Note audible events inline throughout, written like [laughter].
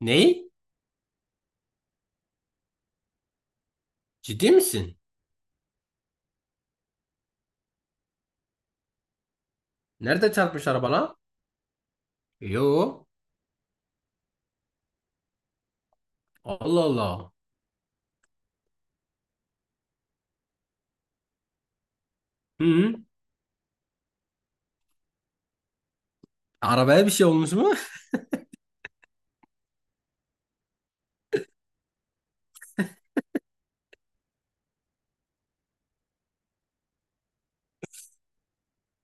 Ney? Ciddi misin? Nerede çarpmış arabana? Yo. Allah Allah. Hı. Arabaya bir şey olmuş mu?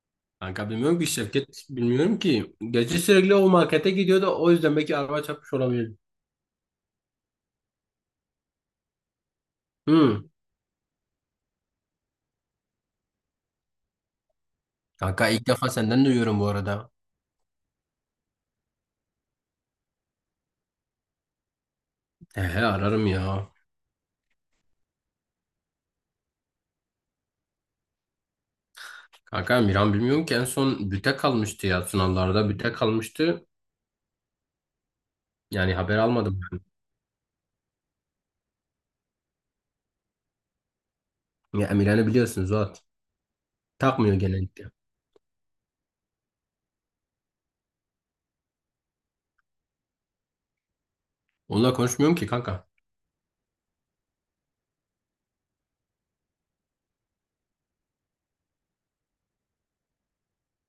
[laughs] Kanka bilmiyorum ki Şevket. Bilmiyorum ki. Gece sürekli o markete gidiyordu. O yüzden belki araba çarpmış olabilir. Hı. Kanka ilk defa senden duyuyorum bu arada. He he, ararım ya. Kanka Miran bilmiyorum ki, en son büte kalmıştı ya. Sınavlarda büte kalmıştı. Yani haber almadım ben. Ya Miran'ı biliyorsun Zuhat. Takmıyor genellikle. Onunla konuşmuyorum ki kanka.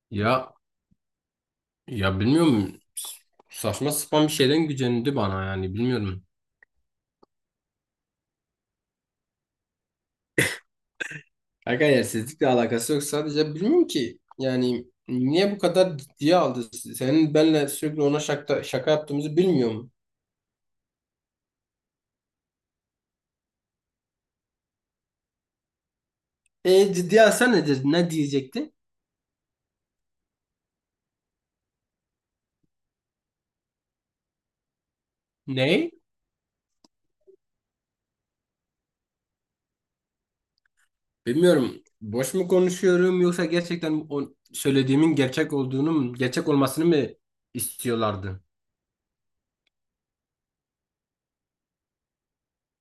Ya Ya bilmiyorum, saçma sapan bir şeyden gücenildi bana, yani bilmiyorum. Aga yersizlikle alakası yok, sadece bilmiyorum ki yani niye bu kadar ciddiye aldı? Senin benle sürekli ona şaka yaptığımızı bilmiyorum. E ciddiye alsa nedir? Ne diyecekti? Ne? Bilmiyorum. Boş mu konuşuyorum, yoksa gerçekten o söylediğimin gerçek olduğunu mu, gerçek olmasını mı istiyorlardı?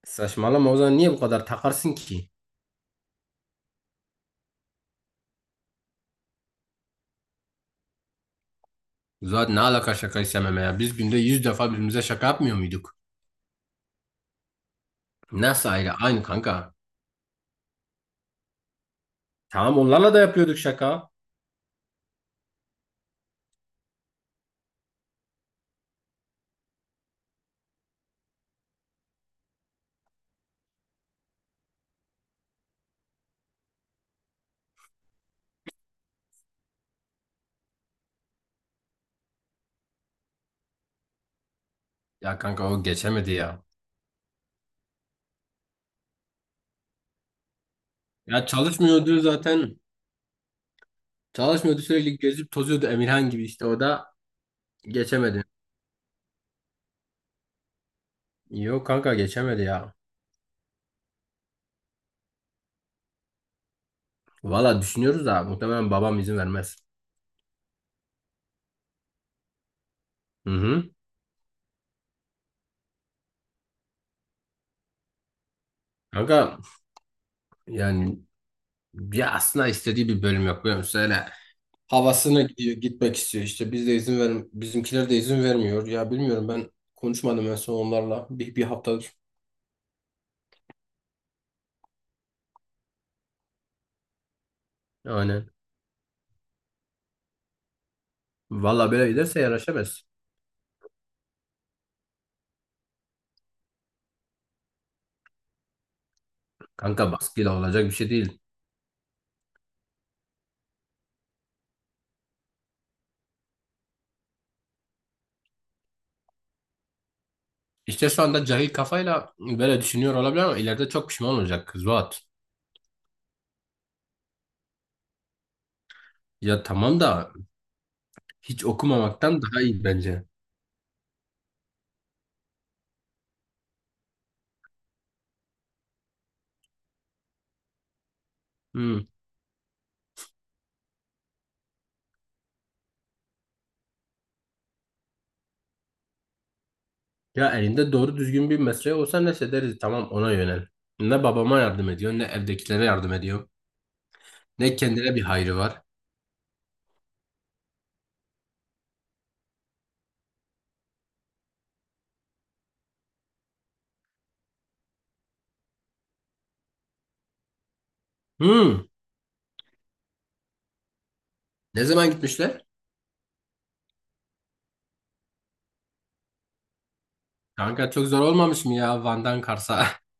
Saçmalama, o zaman niye bu kadar takarsın ki? Zaten ne alaka şaka istememe ya? Biz günde yüz defa birbirimize şaka yapmıyor muyduk? Nasıl ayrı? Aynı kanka. Tamam, onlarla da yapıyorduk şaka. Ya kanka o geçemedi ya. Ya çalışmıyordu zaten. Çalışmıyordu, sürekli gezip tozuyordu Emirhan gibi, işte o da geçemedi. Yok kanka, geçemedi ya. Valla düşünüyoruz da muhtemelen babam izin vermez. Hı hı. Kanka, yani ya aslında istediği bir bölüm yok biliyor musun? Öyle havasına gidiyor, gitmek istiyor, işte biz de izin ver, bizimkiler de izin vermiyor. Ya bilmiyorum, ben konuşmadım en son onlarla bir haftadır. Aynen. Valla böyle giderse yaraşamaz. Kanka baskıyla olacak bir şey değil. İşte şu anda cahil kafayla böyle düşünüyor olabilir ama ileride çok pişman olacak kız Zuhat. Ya tamam da hiç okumamaktan daha iyi bence. Hmm. Ya elinde doğru düzgün bir mesleği olsa neyse deriz, tamam, ona yönel. Ne babama yardım ediyor, ne evdekilere yardım ediyor. Ne kendine bir hayrı var. Hmm. Ne zaman gitmişler? Kanka çok zor olmamış mı ya Van'dan Kars'a? [laughs]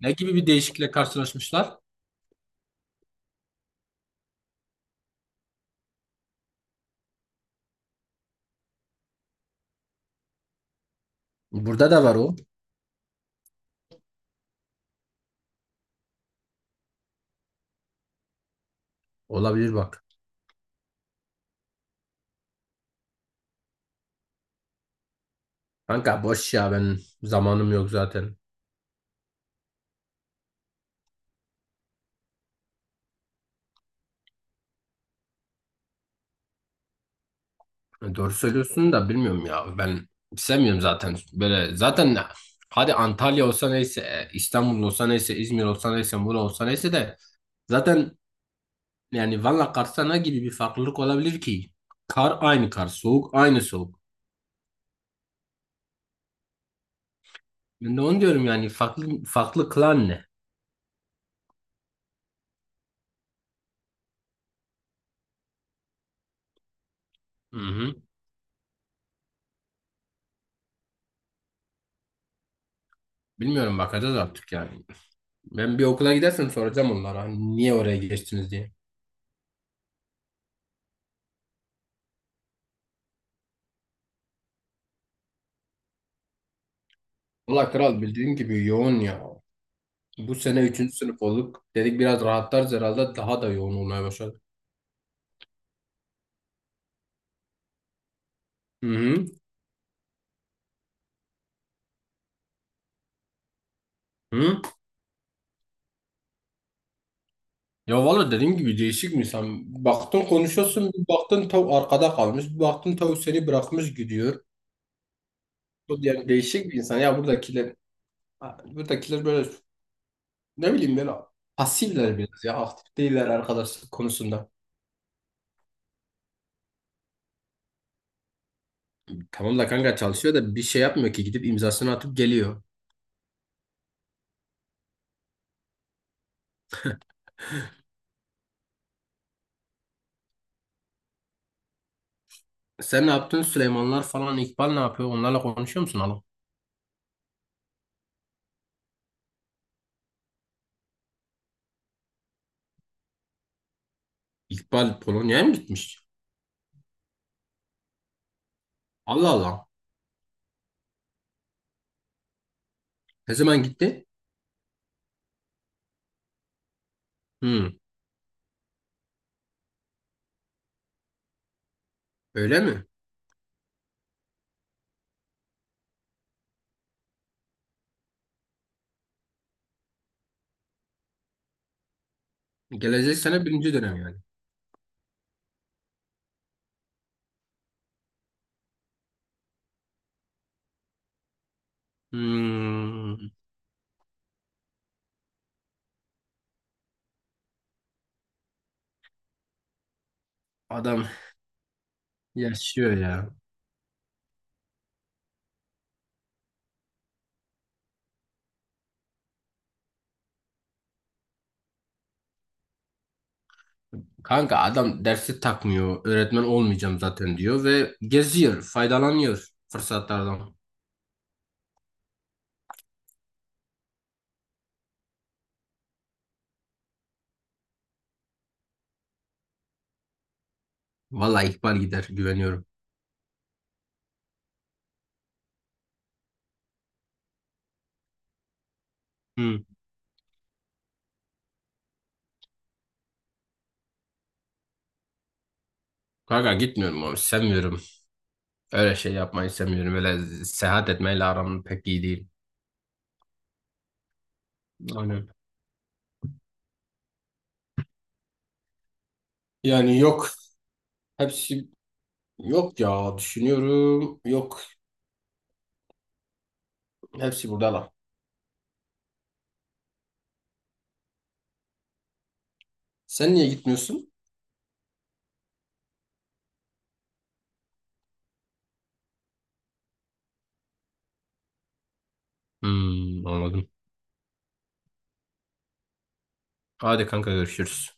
Ne gibi bir değişiklikle karşılaşmışlar? Burada da var o. Olabilir bak. Kanka boş ya, ben zamanım yok zaten. Doğru söylüyorsun da bilmiyorum ya. Ben sevmiyorum zaten böyle. Zaten hadi Antalya olsa neyse, İstanbul olsa neyse, İzmir olsa neyse, Muğla olsa neyse de zaten, yani Van'la Kars'ta ne gibi bir farklılık olabilir ki? Kar aynı kar, soğuk aynı soğuk. Ben de onu diyorum, yani farklı farklı kılan ne? Hı hı. Bilmiyorum, bakacağız artık yani. Ben bir okula gidersem soracağım onlara, hani niye oraya geçtiniz diye. Valla kral, bildiğin gibi yoğun ya. Bu sene üçüncü sınıf olduk. Dedik biraz rahatlarız, herhalde daha da yoğun olmaya başladı. Hı hı. Hı? Ya valla dediğim gibi, değişik mi insan? Baktın konuşuyorsun, bir baktın tav arkada kalmış, bir baktın tav seni bırakmış gidiyor. Bu, yani değişik bir insan. Ya buradakiler böyle ne bileyim, böyle pasifler biraz ya, aktif değiller arkadaşlık konusunda. Tamam da kanka çalışıyor da bir şey yapmıyor ki, gidip imzasını atıp geliyor. Sen ne yaptın? Süleymanlar falan, İkbal ne yapıyor? Onlarla konuşuyor musun oğlum? İkbal Polonya'ya mı gitmiş? Allah Allah. Ne zaman gitti? Hmm, öyle mi? Gelecek sene birinci dönem yani. Hmm, adam yaşıyor ya. Kanka adam dersi takmıyor. Öğretmen olmayacağım zaten diyor ve geziyor, faydalanıyor fırsatlardan. Vallahi ihbar gider, güveniyorum. Hmm. Kanka gitmiyorum abi, sevmiyorum. Öyle şey yapmayı sevmiyorum. Öyle seyahat etmeyle aram pek iyi değil. Aynen. Yani yok. Hepsi, yok ya. Düşünüyorum. Yok. Hepsi burada lan. Sen niye gitmiyorsun? Hmm, anladım. Hadi kanka, görüşürüz.